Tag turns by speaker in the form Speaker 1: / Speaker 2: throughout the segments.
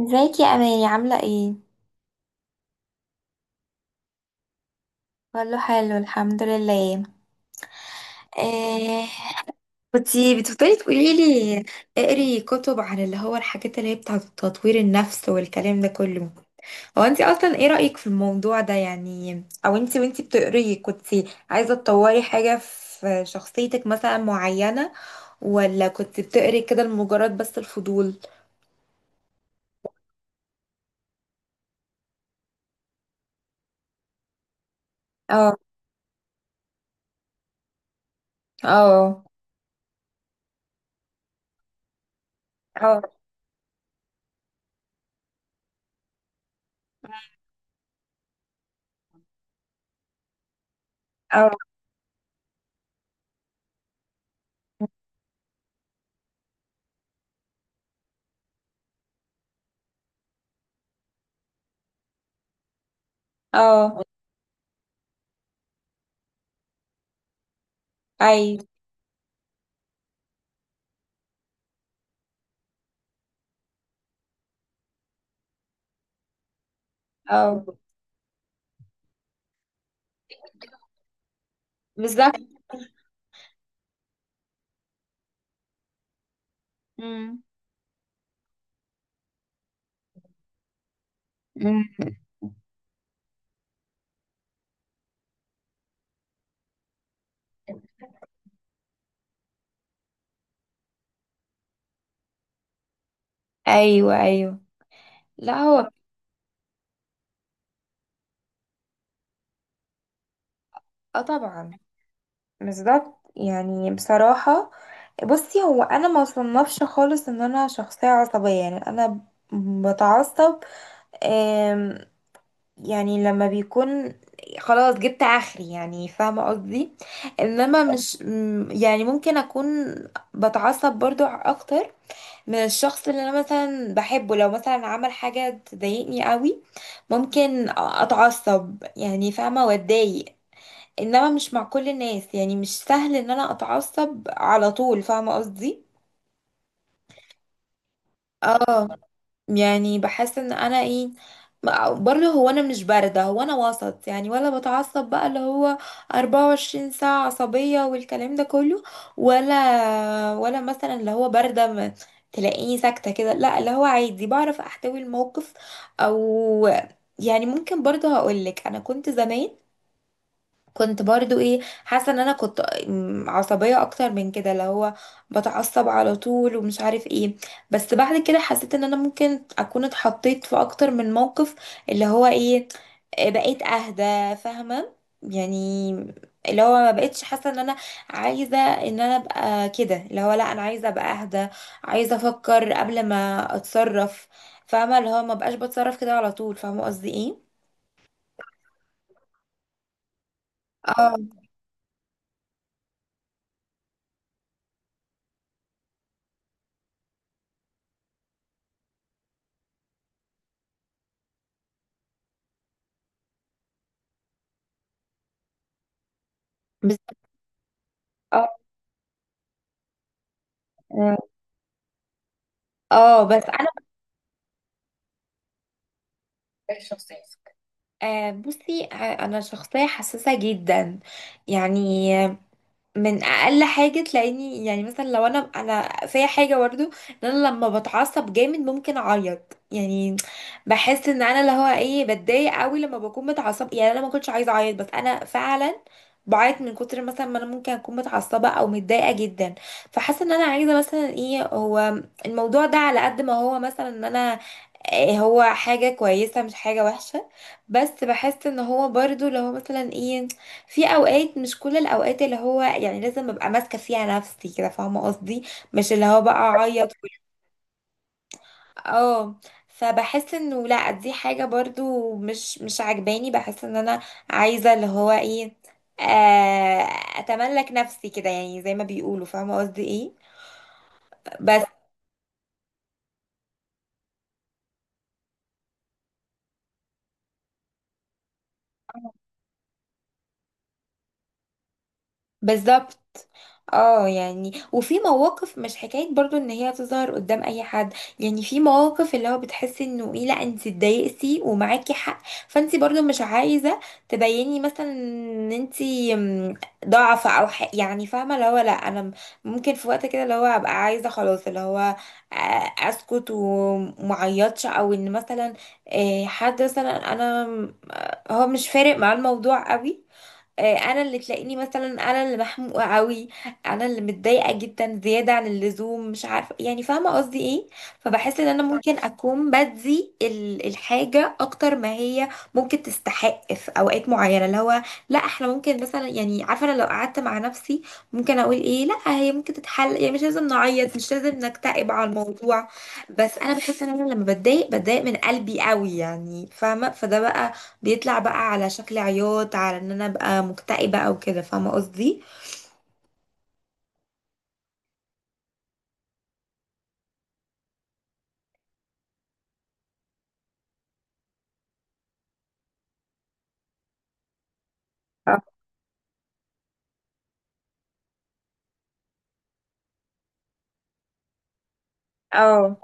Speaker 1: ازيك يا اماني، عامله ايه؟ كله حلو الحمد لله. إيه، كنتي بتفضلي تقولي لي اقري كتب عن اللي هو الحاجات اللي هي بتاعه تطوير النفس والكلام ده كله. هو انت اصلا ايه رايك في الموضوع ده، يعني او انت وانت بتقري كنتي عايزه تطوري حاجه في شخصيتك مثلا معينه، ولا كنت بتقري كده لمجرد بس الفضول؟ اه، اه، اه، اه، اه. ايوه. اه. بالظبط. مم. ايوه، ايوه. لا هو. اه طبعا. بالظبط. يعني بصراحه بصي، هو انا ما صنفش خالص ان انا شخصيه عصبيه، يعني انا بتعصب. آم، يعني لما بيكون خلاص جبت اخري، يعني فاهمه قصدي. انما مش يعني ممكن اكون بتعصب برضو اكتر من الشخص اللي انا مثلا بحبه. لو مثلا عمل حاجة تضايقني قوي ممكن اتعصب، يعني فاهمة، واتضايق. انما مش مع كل الناس، يعني مش سهل ان انا اتعصب على طول، فاهمة قصدي. اه. يعني بحس ان انا ايه، برضه هو انا مش بارده، هو انا وسط، يعني ولا بتعصب بقى اللي هو 24 ساعه عصبيه والكلام ده كله، ولا مثلا اللي هو بارده، ما تلاقيني ساكته كده، لا اللي هو عادي بعرف احتوي الموقف. او يعني ممكن برضه هقولك انا كنت زمان، كنت برضو ايه، حاسه ان انا كنت عصبيه اكتر من كده، اللي هو بتعصب على طول ومش عارف ايه. بس بعد كده حسيت ان انا ممكن اكون اتحطيت في اكتر من موقف، اللي هو ايه، بقيت اهدى، فاهمه يعني. اللي هو ما بقتش حاسه ان انا عايزه ان انا ابقى كده، اللي هو لا، انا عايزه ابقى اهدى، عايزه افكر قبل ما اتصرف، فاهمه اللي هو ما بقاش بتصرف كده على طول، فاهمه قصدي ايه. اه. بالظبط. اه. اه بس. ايه شخصيتك؟ آه بصي، انا شخصيه حساسه جدا، يعني من اقل حاجه تلاقيني. يعني مثلا لو انا فيا حاجه برضو ان انا لما بتعصب جامد ممكن اعيط. يعني بحس ان انا اللي هو ايه، بتضايق قوي لما بكون متعصبه، يعني انا ما كنتش عايزه اعيط بس انا فعلا بعيط من كتر مثلا ما انا ممكن اكون متعصبه او متضايقه جدا. فحاسه ان انا عايزه مثلا ايه هو، الموضوع ده على قد ما هو مثلا ان انا إيه، هو حاجه كويسه مش حاجه وحشه. بس بحس ان هو برضو لو مثلا ايه، في اوقات مش كل الاوقات اللي هو يعني لازم ابقى ماسكه فيها نفسي كده، فاهمه قصدي. مش اللي هو بقى اعيط اه. فبحس انه لا، دي حاجه برضو مش عاجباني، بحس ان انا عايزه اللي هو ايه، آه، اتملك نفسي كده، يعني زي ما بيقولوا، فاهمه قصدي ايه. بس. بالظبط. اه يعني، وفي مواقف مش حكاية برضو ان هي تظهر قدام اي حد، يعني في مواقف اللي هو بتحسي انه ايه، لا انت اتضايقتي ومعاكي حق، فانت برضو مش عايزة تبيني مثلا ان انت ضعفة او حق، يعني فاهمة اللي هو لا انا ممكن في وقت كده اللي هو ابقى عايزة خلاص اللي هو اسكت ومعيطش. او ان مثلا حد مثلا انا هو مش فارق معاه الموضوع قوي، انا اللي تلاقيني مثلا، انا اللي محموقه قوي، انا اللي متضايقه جدا زياده عن اللزوم، مش عارفه يعني، فاهمه قصدي ايه. فبحس ان انا ممكن اكون بدي الحاجه اكتر ما هي ممكن تستحق في اوقات معينه. اللي هو لا احنا ممكن مثلا، يعني عارفه انا لو قعدت مع نفسي ممكن اقول ايه، لا هي ممكن تتحل، يعني مش لازم نعيط، مش لازم نكتئب على الموضوع. بس انا بحس ان انا لما بتضايق، بتضايق من قلبي قوي، يعني فاهمه، فده بقى بيطلع بقى على شكل عياط، على ان انا ابقى مكتئبة او كده، فاهمة قصدي. اه. آه.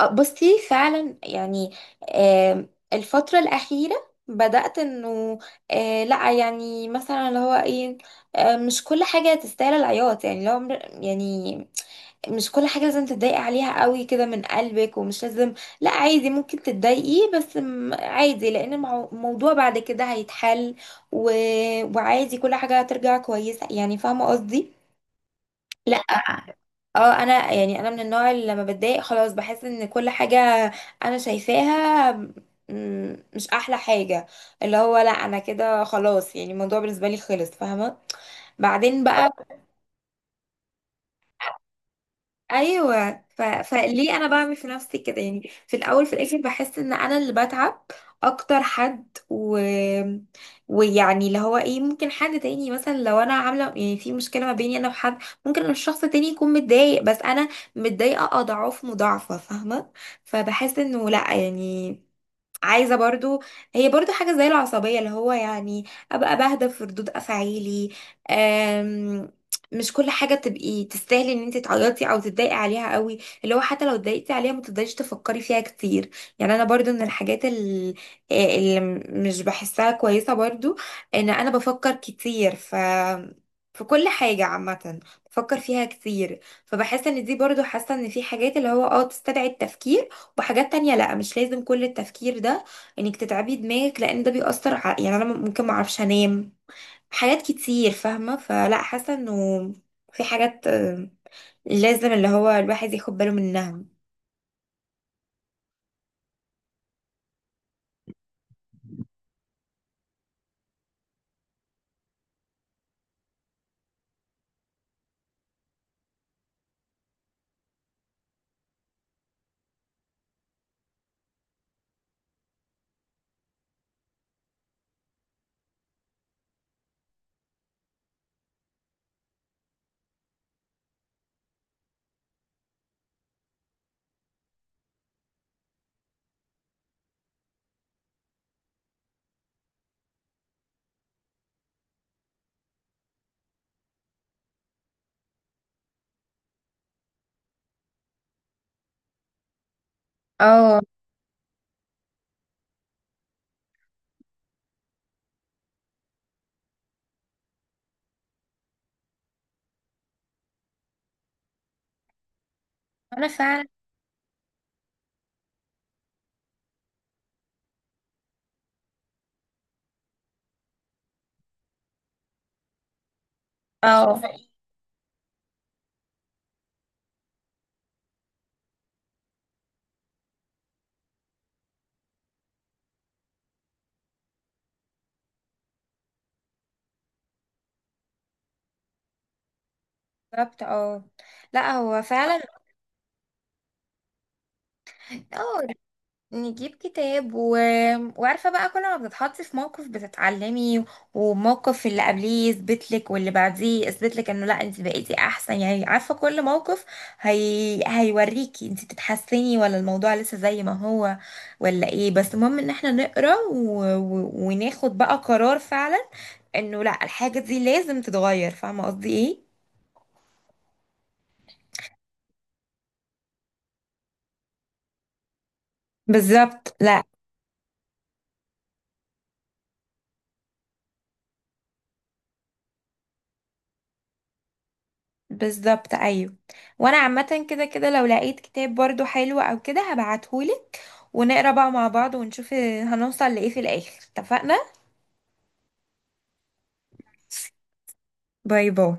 Speaker 1: آه، بصي فعلا يعني. الفترة الأخيرة بدأت انه، لا يعني مثلا اللي هو ايه، مش كل حاجة تستاهل العياط. يعني لو يعني مش كل حاجة لازم تتضايقي عليها قوي كده من قلبك، ومش لازم. لا عادي ممكن تتضايقي، بس عادي، لأن الموضوع بعد كده هيتحل، و... وعادي كل حاجة هترجع كويسة، يعني فاهمة قصدي؟ لا. اه انا يعني، انا من النوع اللي لما بتضايق خلاص بحس ان كل حاجة انا شايفاها مش احلى حاجة. اللي هو لا انا كده خلاص، يعني الموضوع بالنسبة لي خلص، فاهمة، بعدين بقى. ايوه. فليه انا بعمل في نفسي كده، يعني في الاول في الاخر بحس ان انا اللي بتعب اكتر حد، ويعني اللي هو ايه، ممكن حد تاني مثلا لو انا عامله يعني في مشكله ما بيني انا وحد، ممكن الشخص تاني يكون متضايق بس انا متضايقه اضعاف مضاعفه، فاهمه. فبحس انه لا يعني، عايزه برضو، هي برضو حاجه زي العصبيه، اللي هو يعني ابقى بهدى في ردود افعالي. أم، مش كل حاجه تبقي تستاهلي ان انت تعيطي او تتضايقي عليها قوي، اللي هو حتى لو اتضايقتي عليها ما تفضليش تفكري فيها كتير. يعني انا برضو من الحاجات اللي مش بحسها كويسه برضو، ان انا بفكر كتير في كل حاجة عامة بفكر فيها كتير. فبحس ان دي برضو، حاسة ان في حاجات اللي هو اه تستدعي التفكير، وحاجات تانية لا مش لازم كل التفكير ده، انك تتعبي دماغك لان ده بيأثر يعني انا ممكن معرفش انام حاجات كتير، فاهمة، فلا حاسة انه في حاجات لازم اللي هو الواحد ياخد باله منها. اه انا فعلا. اه بالظبط. اه لا هو فعلا. اه نجيب كتاب وعارفة بقى كل ما بتتحطي في موقف بتتعلمي، وموقف اللي قبليه يثبت لك واللي بعديه يثبت لك انه لا انت بقيتي احسن. يعني عارفة، كل موقف هيوريكي انت بتتحسني ولا الموضوع لسه زي ما هو، ولا ايه. بس المهم ان احنا نقرا وناخد بقى قرار فعلا انه لا، الحاجة دي لازم تتغير، فاهمة قصدي ايه. بالظبط لا. بالظبط ايوه. وانا عامة كده كده لو لقيت كتاب برضو حلو او كده هبعتهولك، ونقرا بقى مع بعض ونشوف هنوصل لإيه في الآخر، اتفقنا. باي باي.